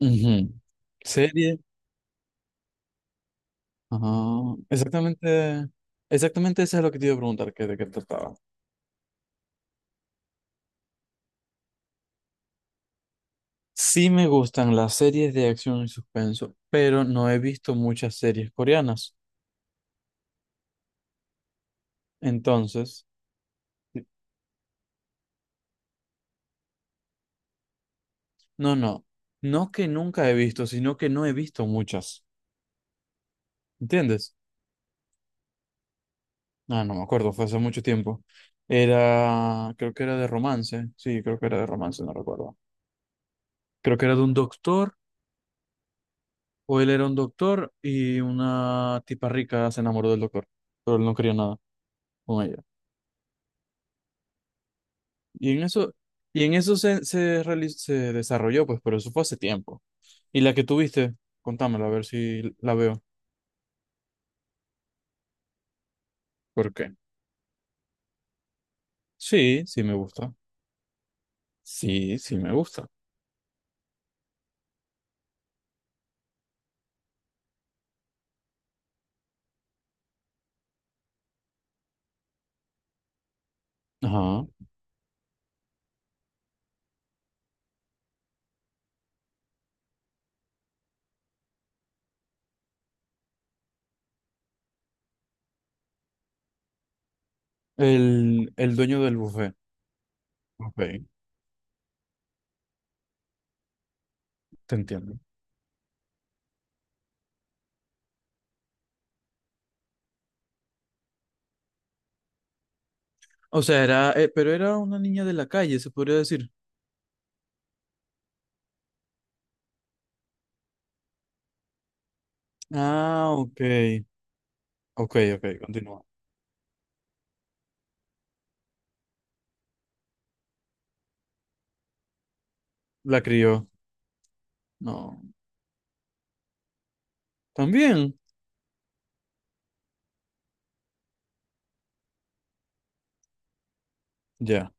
Ujú. Serie. Ah, exactamente, exactamente eso es lo que te iba a preguntar, que de qué trataba. Sí me gustan las series de acción y suspenso, pero no he visto muchas series coreanas. Entonces, no, no, no que nunca he visto, sino que no he visto muchas. ¿Entiendes? Ah, no me acuerdo, fue hace mucho tiempo. Era, creo que era de romance, sí, creo que era de romance, no recuerdo. Creo que era de un doctor. O él era un doctor y una tipa rica se enamoró del doctor, pero él no quería nada con ella. Y en eso, se desarrolló, pues, pero eso fue hace tiempo. Y la que tuviste, contámela a ver si la veo. ¿Por qué? Sí, sí me gusta. Sí, sí me gusta. Ajá. El dueño del buffet. Ok, te entiendo. O sea, era, pero era una niña de la calle, se podría decir. Ah, ok. Ok, ok, continúa. La crió. No. También. Ya.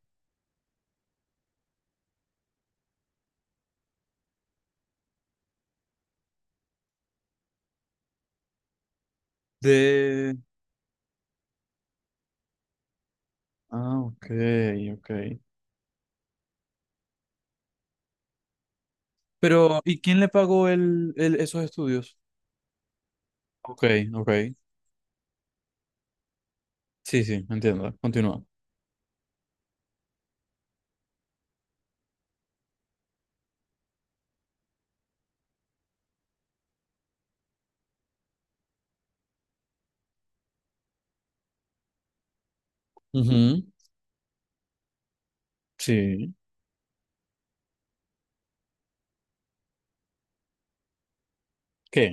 De... Ah, ok, ok. Pero, ¿y quién le pagó esos estudios? Ok, ok. Sí, sí, entiendo. Continúa. Ujú. Sí. ¿Qué?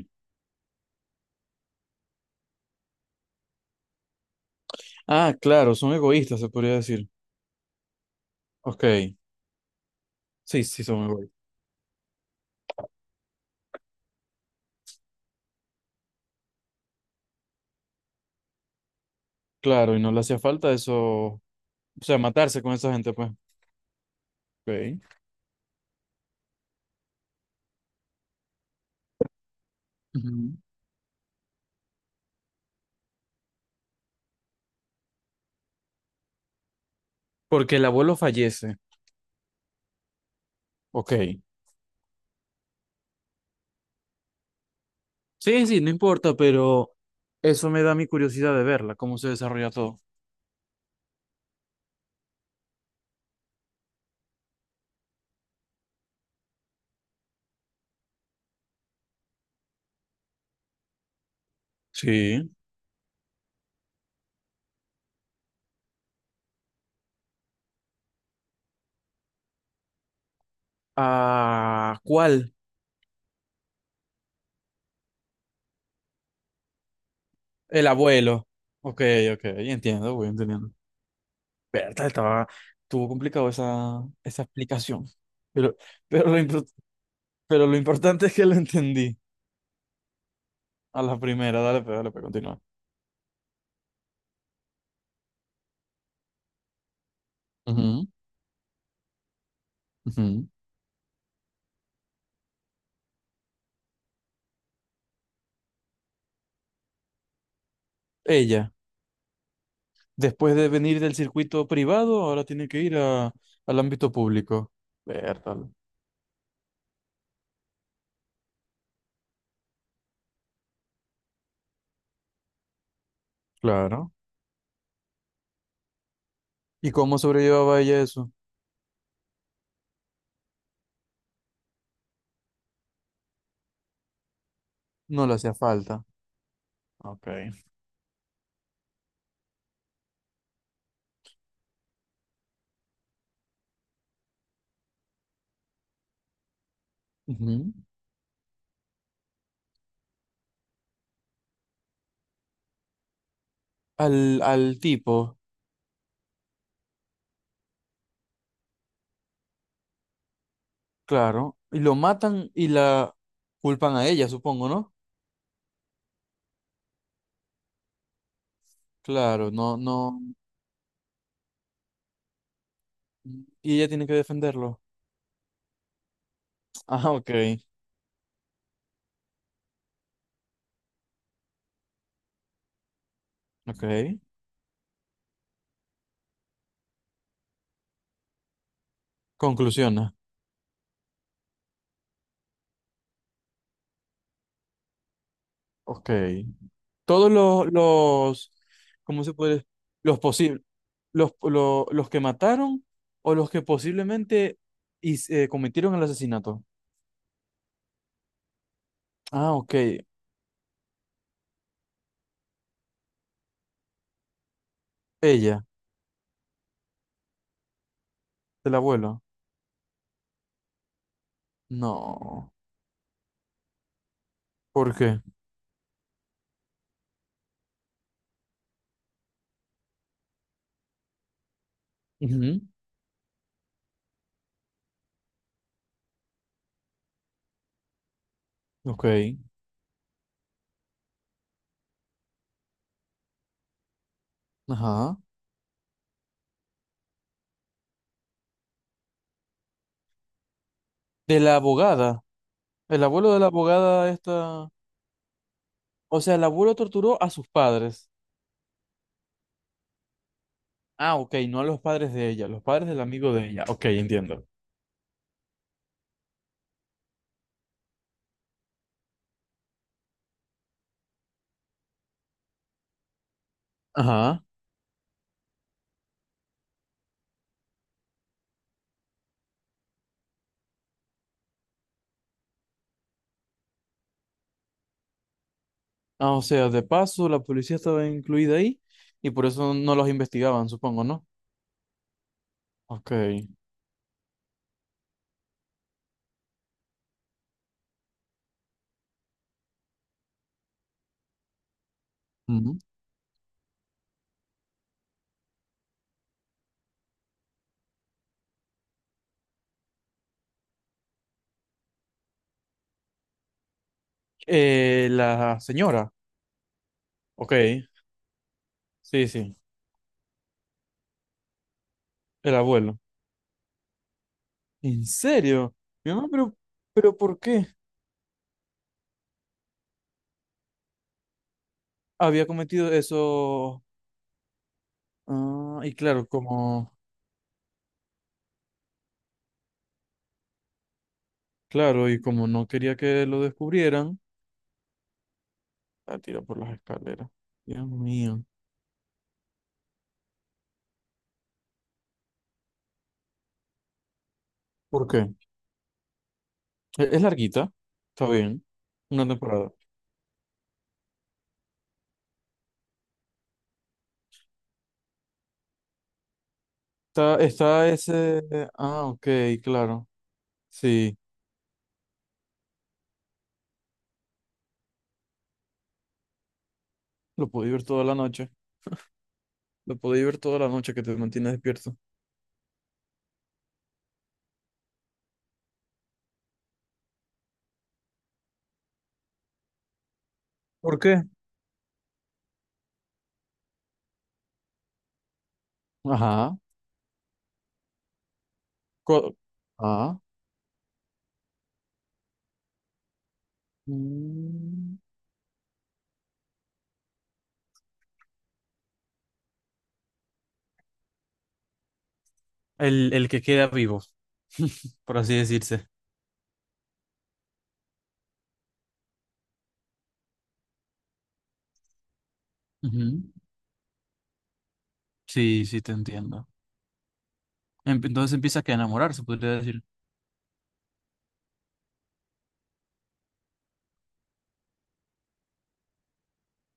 Ah, claro, son egoístas, se podría decir. Ok. Sí, sí, son egoístas. Claro, y no le hacía falta eso. O sea, matarse con esa gente, pues. Ok. Ujú. Porque el abuelo fallece. Ok. Sí, sí, no importa, pero eso me da mi curiosidad de verla, cómo se desarrolla todo. Sí. Ah, ¿cuál? El abuelo. Ok, ok, entiendo, voy entendiendo. Berta, estaba, estuvo complicado esa, esa explicación. Pero, pero, lo, impor- pero lo importante es que lo entendí a la primera. Dale, pues, continúa. Ujú, ujú. Ella, después de venir del circuito privado, ahora tiene que ir a- al ámbito público. Berta. Claro. ¿Y cómo sobrellevaba ella eso? No le hacía falta. Ok. Ujú. Al, al tipo. Claro, y lo matan y la culpan a ella, supongo, ¿no? Claro, no, no. Y ella tiene que defenderlo. Ah, ok, ok. Conclusiona. Ok. Todos los, ¿cómo se puede? Los posibles, los que mataron o los que posiblemente cometieron el asesinato. Ah, ok. Ella, del abuelo. No. ¿Por qué? Ujú. Ok. Ajá. De la abogada. El abuelo de la abogada esta... O sea, el abuelo torturó a sus padres. Ah, ok, no a los padres de ella, los padres del amigo de ella. Ok, entiendo. Ajá. Ah, o sea, de paso, la policía estaba incluida ahí y por eso no los investigaban, supongo, ¿no? Ok. Ujú. La señora. Ok, sí, sí, el abuelo. ¿En serio? Mi mamá, pero ¿por qué había cometido eso? Ah, y claro, como, claro, y como no quería que lo descubrieran. La tiro por las escaleras. Dios mío. ¿Por qué? E- Es, larguita. Está bien. Una temporada. Está, está ese. Ah, ok, claro. Sí. Lo puedo ver toda la noche. Lo puedo ver toda la noche que te mantiene despierto. ¿Por qué? Ajá. Co- ah. Mm. El que queda vivo, por así decirse. Ujú. Sí, sí, te entiendo. Entonces empieza que a enamorar, se podría decir.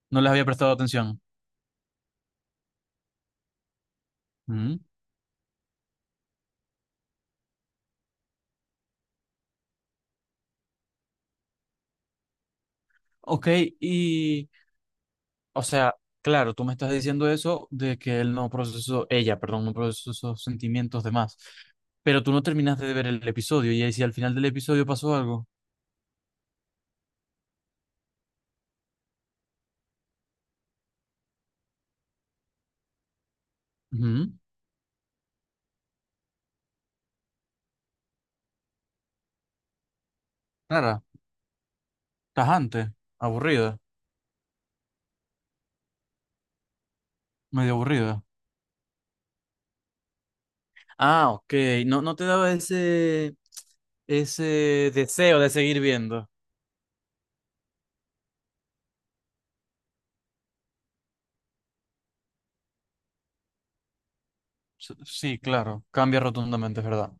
No les había prestado atención. Ujú. Ok, y o sea, claro, tú me estás diciendo eso de que él no procesó, ella, perdón, no procesó esos sentimientos de más. Pero tú no terminaste de ver el episodio y ahí si al final del episodio pasó algo. Ujú. Clara, tajante, aburrida, medio aburrida. Ah, ok, no, no te daba ese deseo de seguir viendo. Sí, claro, cambia rotundamente, es verdad.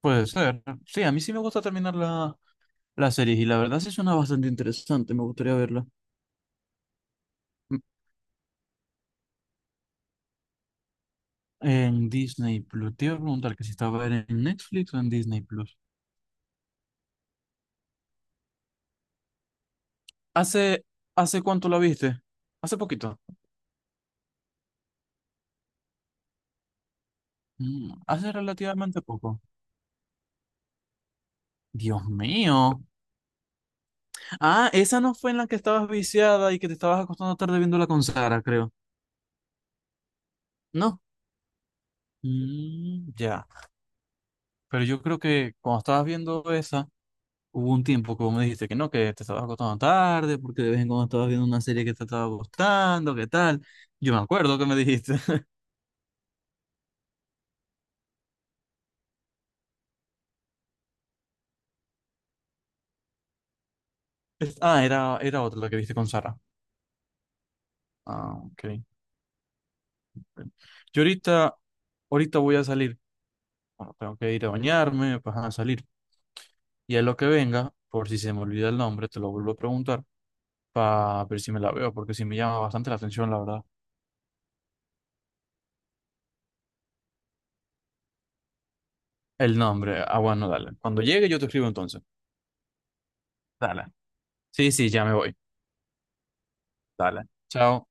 Puede ser. Sí, a mí sí me gusta terminar la, la serie y la verdad sí suena bastante interesante, me gustaría verla. En Disney Plus. Te iba a preguntar que si estaba en Netflix o en Disney Plus. ¿Hace, hace cuánto la viste? Hace poquito. Mm, hace relativamente poco. Dios mío. Ah, esa no fue en la que estabas viciada y que te estabas acostando tarde viéndola con Sara, creo. No. Mm, ya. Pero yo creo que cuando estabas viendo esa, hubo un tiempo que vos me dijiste que no, que te estabas acostando tarde, porque de vez en cuando estabas viendo una serie que te estaba gustando, qué tal. Yo me acuerdo que me dijiste. Ah, era, era otra la que viste con Sara. Ah, ok. Ok. Yo ahorita, ahorita voy a salir. Bueno, tengo que ir a bañarme, pues a salir. Y a lo que venga, por si se me olvida el nombre, te lo vuelvo a preguntar para ver si me la veo, porque sí me llama bastante la atención, la verdad. El nombre. Ah, bueno, dale. Cuando llegue yo te escribo entonces. Dale, sí, sí, ya me voy. Dale. Chao.